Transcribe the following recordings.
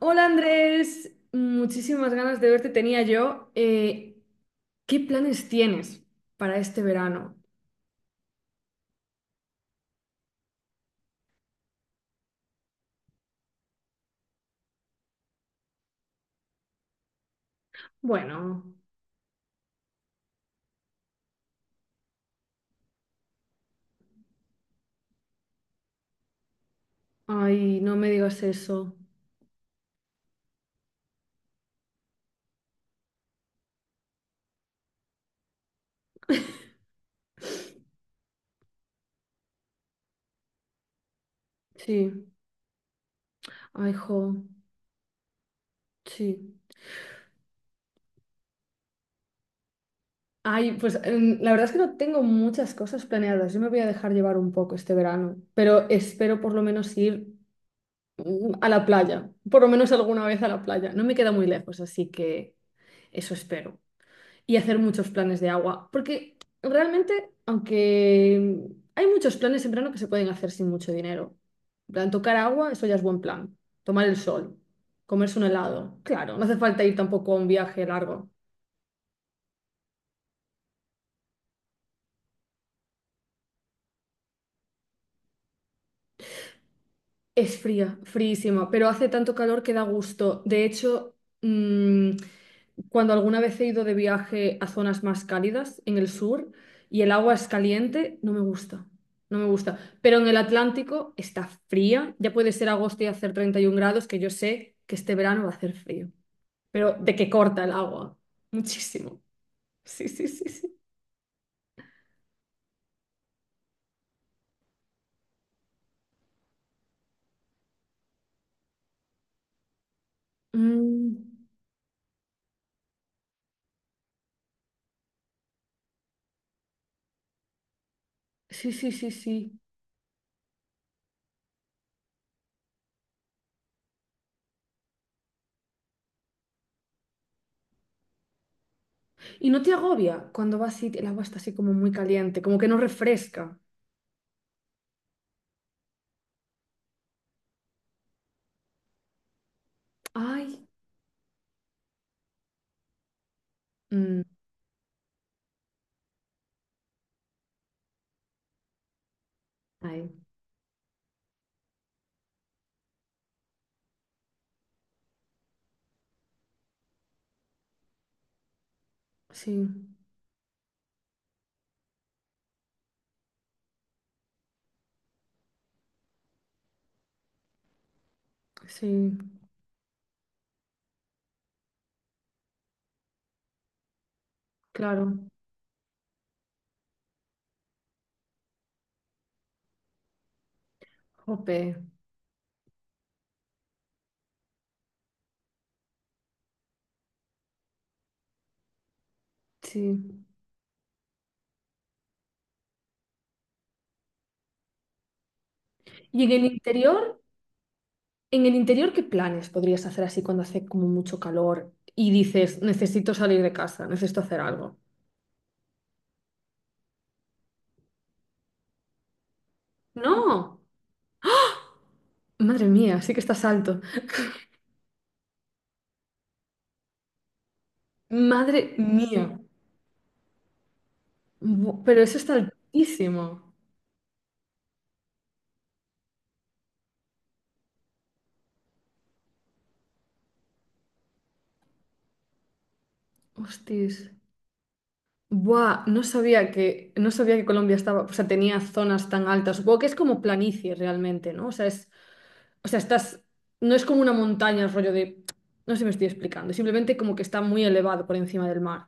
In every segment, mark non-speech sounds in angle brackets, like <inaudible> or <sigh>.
Hola Andrés, muchísimas ganas de verte tenía yo. ¿Qué planes tienes para este verano? Bueno, ay, no me digas eso. Sí, ay, jo, sí. Ay, pues la verdad es que no tengo muchas cosas planeadas. Yo me voy a dejar llevar un poco este verano, pero espero por lo menos ir a la playa, por lo menos alguna vez a la playa. No me queda muy lejos, así que eso espero. Y hacer muchos planes de agua, porque realmente, aunque hay muchos planes en verano que se pueden hacer sin mucho dinero. En plan, tocar agua, eso ya es buen plan. Tomar el sol, comerse un helado, claro, no hace falta ir tampoco a un viaje largo. Es fría, fríísima, pero hace tanto calor que da gusto. De hecho, mm, cuando alguna vez he ido de viaje a zonas más cálidas en el sur y el agua es caliente, no me gusta. No me gusta. Pero en el Atlántico está fría. Ya puede ser agosto y hacer 31 grados, que yo sé que este verano va a hacer frío. Pero de que corta el agua. Muchísimo. Sí, sí, sí, sí. Mm, sí, sí, sí, sí. ¿Y no te agobia cuando vas y el agua está así como muy caliente, como que no refresca? Ay. Mm, ay. Sí, sí, claro. Jope. Sí. Y en el interior, ¿qué planes podrías hacer así cuando hace como mucho calor y dices, necesito salir de casa, necesito hacer algo? No, madre mía, sí que estás alto. Madre mía, Bu- pero eso está altísimo. Hostis. Buah, no sabía que, no sabía que Colombia estaba, o sea, tenía zonas tan altas. Supongo que es como planicie realmente, ¿no? O sea, es, o sea, estás, no es como una montaña, rollo de, no sé si me estoy explicando, simplemente como que está muy elevado por encima del mar.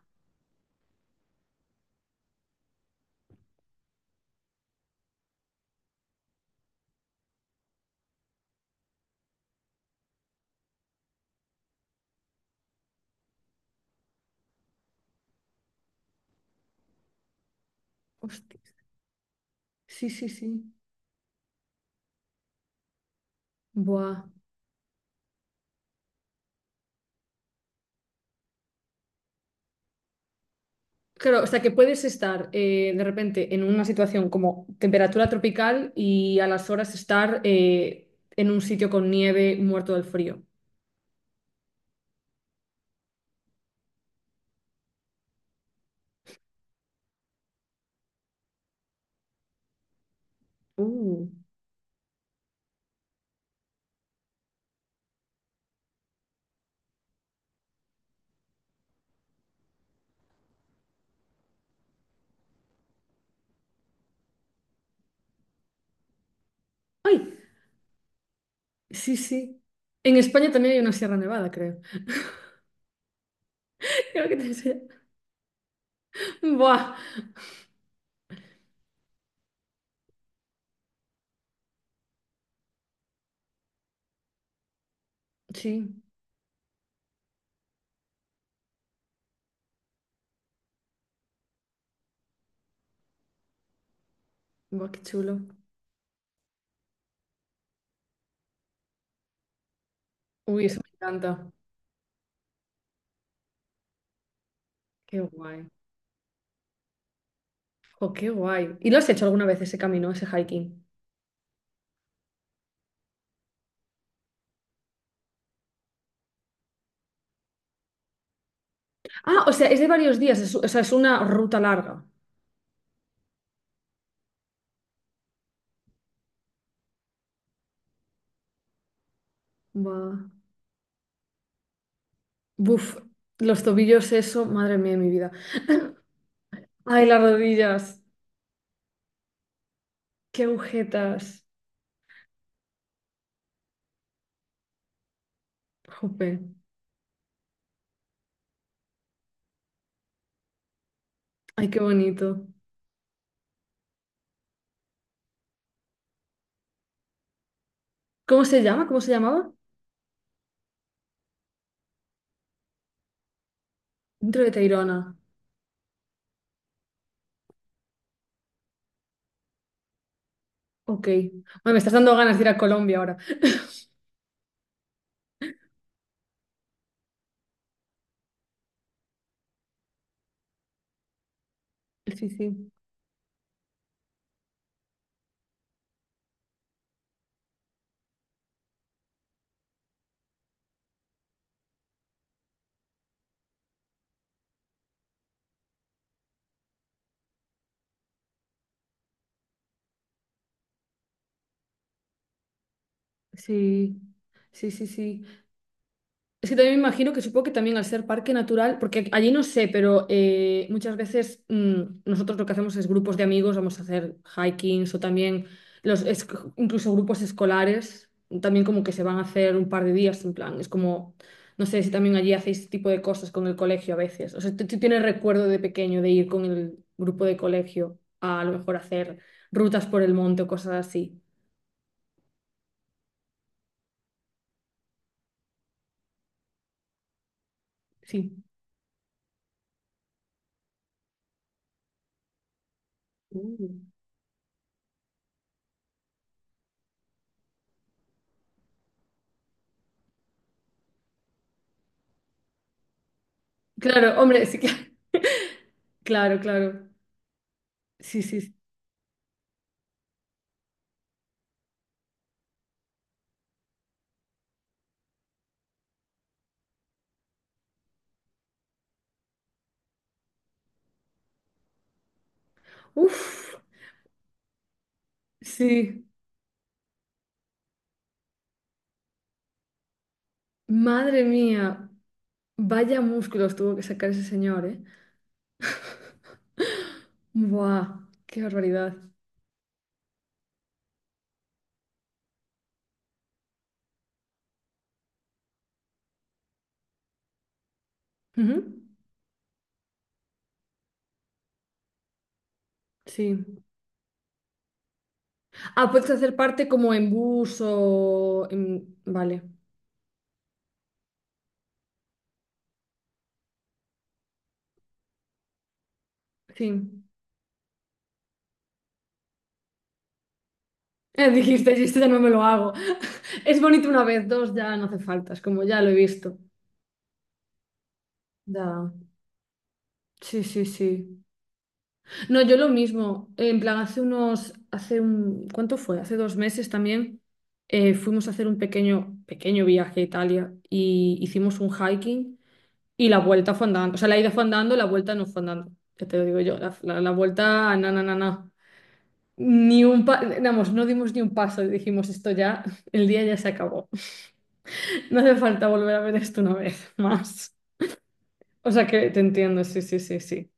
Hostia, sí, sí, sí. Buah. Claro, o sea que puedes estar de repente en una situación como temperatura tropical y a las horas estar en un sitio con nieve muerto del frío. Uh. ¡Ay! Sí, sí. En España también hay una Sierra Nevada, creo. <laughs> Creo que te enseña. Buah. Sí, buah, qué chulo. Uy, eso me encanta. Qué guay. Oh, qué guay. ¿Y lo has hecho alguna vez ese camino, ese hiking? Ah, o sea, es de varios días, o sea, es una ruta larga. Buah. Buf, los tobillos, eso, madre mía de mi vida. Ay, las rodillas, qué agujetas. Jope, ay, qué bonito. ¿Cómo se llama? ¿Cómo se llamaba? Dentro de Tayrona. Ok. Bueno, me estás dando ganas de ir a Colombia ahora. Sí, sí, sí, sí, sí, sí. Es que también me imagino que supongo que también al ser parque natural, porque allí no sé, pero muchas veces nosotros lo que hacemos es grupos de amigos, vamos a hacer hikings o también los es- incluso grupos escolares, también como que se van a hacer un par de días en plan, es como, no sé si también allí hacéis este tipo de cosas con el colegio a veces. O sea, ¿tú tienes recuerdo de pequeño de ir con el grupo de colegio a lo mejor hacer rutas por el monte o cosas así? Sí. Mm. Claro, hombre, sí que... <laughs> Claro, claro. Sí, sí, sí. Uf, sí, madre mía, vaya músculos tuvo que sacar ese señor, ¿eh? <laughs> Buah, qué barbaridad. Ujú, sí. Ah, puedes hacer parte como en bus Vale, sí. <laughs> Dijiste, yo esto ya no me lo hago. <laughs> Es bonito una vez, dos ya no hace falta, es como ya lo he visto. Ya. Sí, sí, sí. No, yo lo mismo. En plan, hace unos, hace un, ¿cuánto fue? Hace dos meses también fuimos a hacer un pequeño, pequeño viaje a Italia y hicimos un hiking y la vuelta fue andando. O sea, la ida fue andando, la vuelta no fue andando. Ya te lo digo yo, la vuelta, na, na, na, na. Ni un pa- vamos, no dimos ni un paso y dijimos esto ya, <laughs> el día ya se acabó. <laughs> No hace falta volver a ver esto una vez <laughs> más. O sea que te entiendo, sí, sí, sí, sí.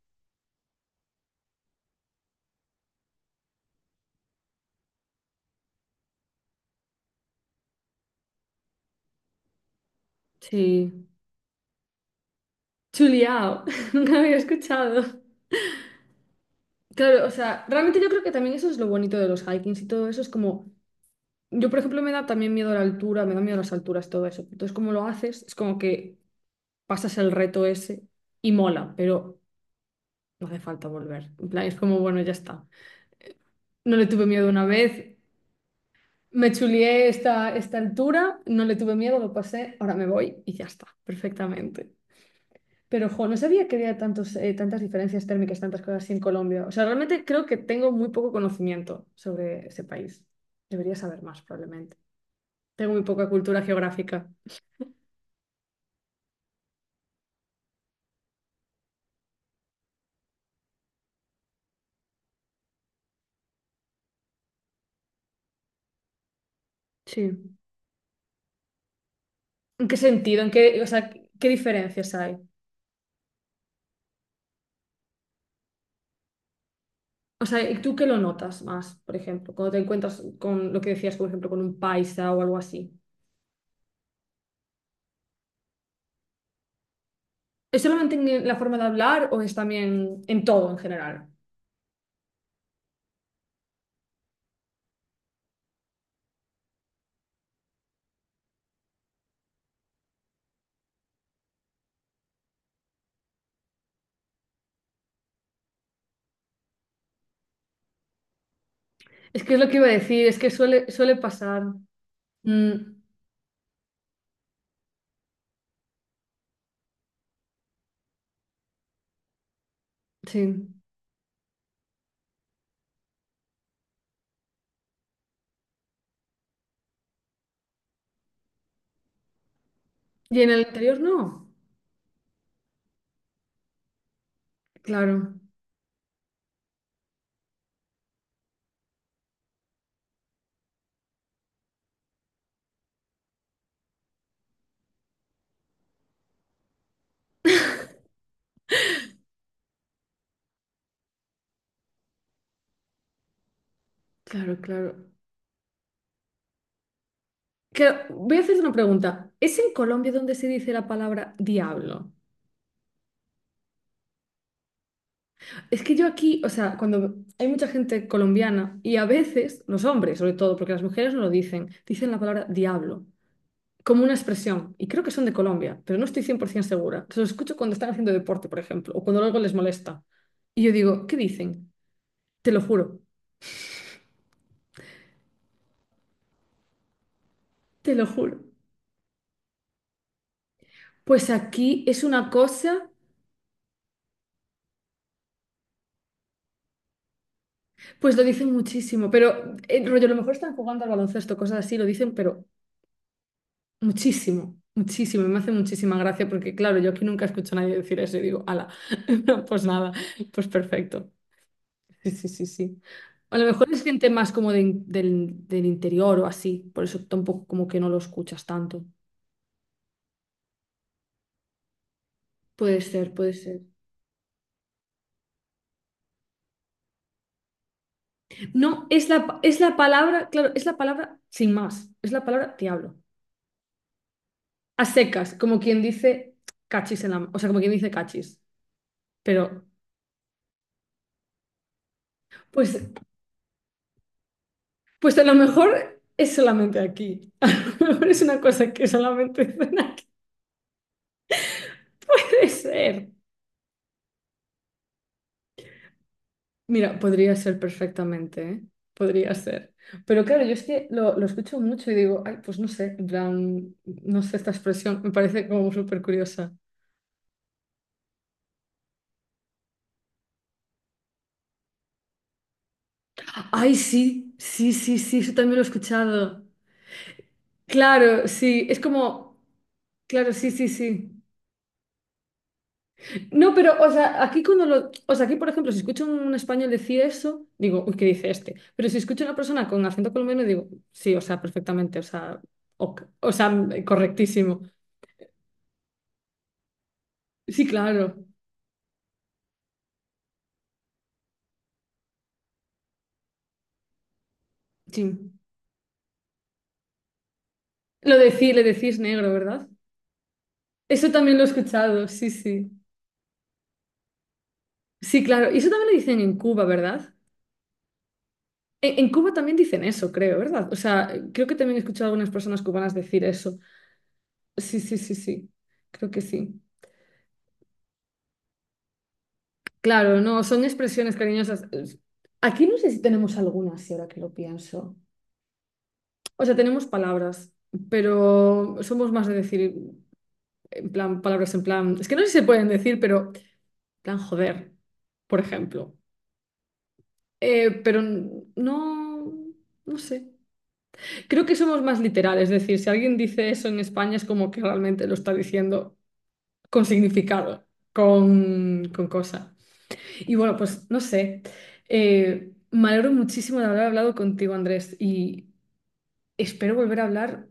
Sí. Chuliao, <laughs> nunca había escuchado. Claro, o sea, realmente yo creo que también eso es lo bonito de los hikings y todo eso. Es como, yo por ejemplo me da también miedo a la altura, me da miedo a las alturas, todo eso. Entonces, como lo haces, es como que pasas el reto ese y mola, pero no hace falta volver. En plan, es como, bueno, ya está. No le tuve miedo una vez, me chulié esta, esta altura, no le tuve miedo, lo pasé, ahora me voy y ya está, perfectamente. Pero, jo, no sabía que había tantos, tantas diferencias térmicas, tantas cosas así en Colombia. O sea, realmente creo que tengo muy poco conocimiento sobre ese país. Debería saber más, probablemente. Tengo muy poca cultura geográfica. Sí. ¿En qué sentido? ¿En qué, o sea, qué diferencias hay? O sea, ¿y tú qué lo notas más, por ejemplo, cuando te encuentras con lo que decías, por ejemplo, con un paisa o algo así? ¿Es solamente en la forma de hablar o es también en todo en general? Es que es lo que iba a decir, es que suele, suele pasar. Mm, sí. Y en el interior no. Claro, claro, claro. Claro, voy a hacerte una pregunta. ¿Es en Colombia donde se dice la palabra diablo? Es que yo aquí, o sea, cuando hay mucha gente colombiana y a veces, los hombres sobre todo, porque las mujeres no lo dicen, dicen la palabra diablo como una expresión. Y creo que son de Colombia, pero no estoy 100% segura. Se lo escucho cuando están haciendo deporte, por ejemplo, o cuando algo les molesta. Y yo digo, ¿qué dicen? Te lo juro, te lo juro. Pues aquí es una cosa. Pues lo dicen muchísimo, pero rollo, a lo mejor están jugando al baloncesto, cosas así, lo dicen, pero muchísimo, muchísimo. Y me hace muchísima gracia porque, claro, yo aquí nunca escucho a nadie decir eso y digo, ala, <laughs> no, pues nada, pues perfecto. Sí, sí, sí, sí. A lo mejor es gente más como de del interior o así, por eso tampoco como que no lo escuchas tanto. Puede ser, puede ser. No, es la, es la palabra, claro, es la palabra sin más, es la palabra diablo. A secas, como quien dice cachis en la... O sea, como quien dice cachis. Pero pues, pues a lo mejor es solamente aquí. <laughs> A lo mejor es una cosa que solamente <laughs> ven aquí. Puede ser. Mira, podría ser perfectamente, ¿eh? Podría ser. Pero claro, yo es que lo escucho mucho y digo, ay, pues no sé, en plan, no sé esta expresión, me parece como súper curiosa. Ay, sí, sí, sí, sí, eso también lo he escuchado. Claro, sí, es como, claro, sí, sí, sí. No, pero, o sea, aquí cuando lo, o sea, aquí por ejemplo, si escucho un español decir eso, digo, uy, ¿qué dice este? Pero si escucho a una persona con acento colombiano, digo, sí, o sea, perfectamente, o sea, ok, o sea, correctísimo. Sí, claro, sí. Lo de le decís negro, ¿verdad? Eso también lo he escuchado, sí, sí. Sí, claro, y eso también lo dicen en Cuba, ¿verdad? En Cuba también dicen eso, creo, ¿verdad? O sea, creo que también he escuchado a algunas personas cubanas decir eso. Sí, sí, sí, sí, creo que sí. Claro, no, son expresiones cariñosas. Es- Aquí no sé si tenemos alguna, si ahora que lo pienso. O sea, tenemos palabras, pero somos más de decir, en plan, palabras en plan, es que no sé si se pueden decir, pero, en plan, joder, por ejemplo. Pero no, no sé. Creo que somos más literales, es decir, si alguien dice eso en España es como que realmente lo está diciendo con significado, con cosa. Y bueno, pues no sé. Me alegro muchísimo de haber hablado contigo, Andrés, y espero volver a hablar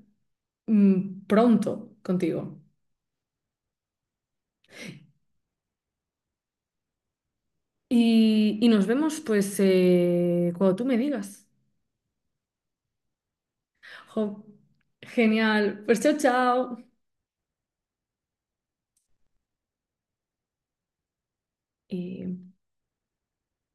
pronto contigo. Y nos vemos, pues, cuando tú me digas. Jo, genial. Pues chao, chao. Y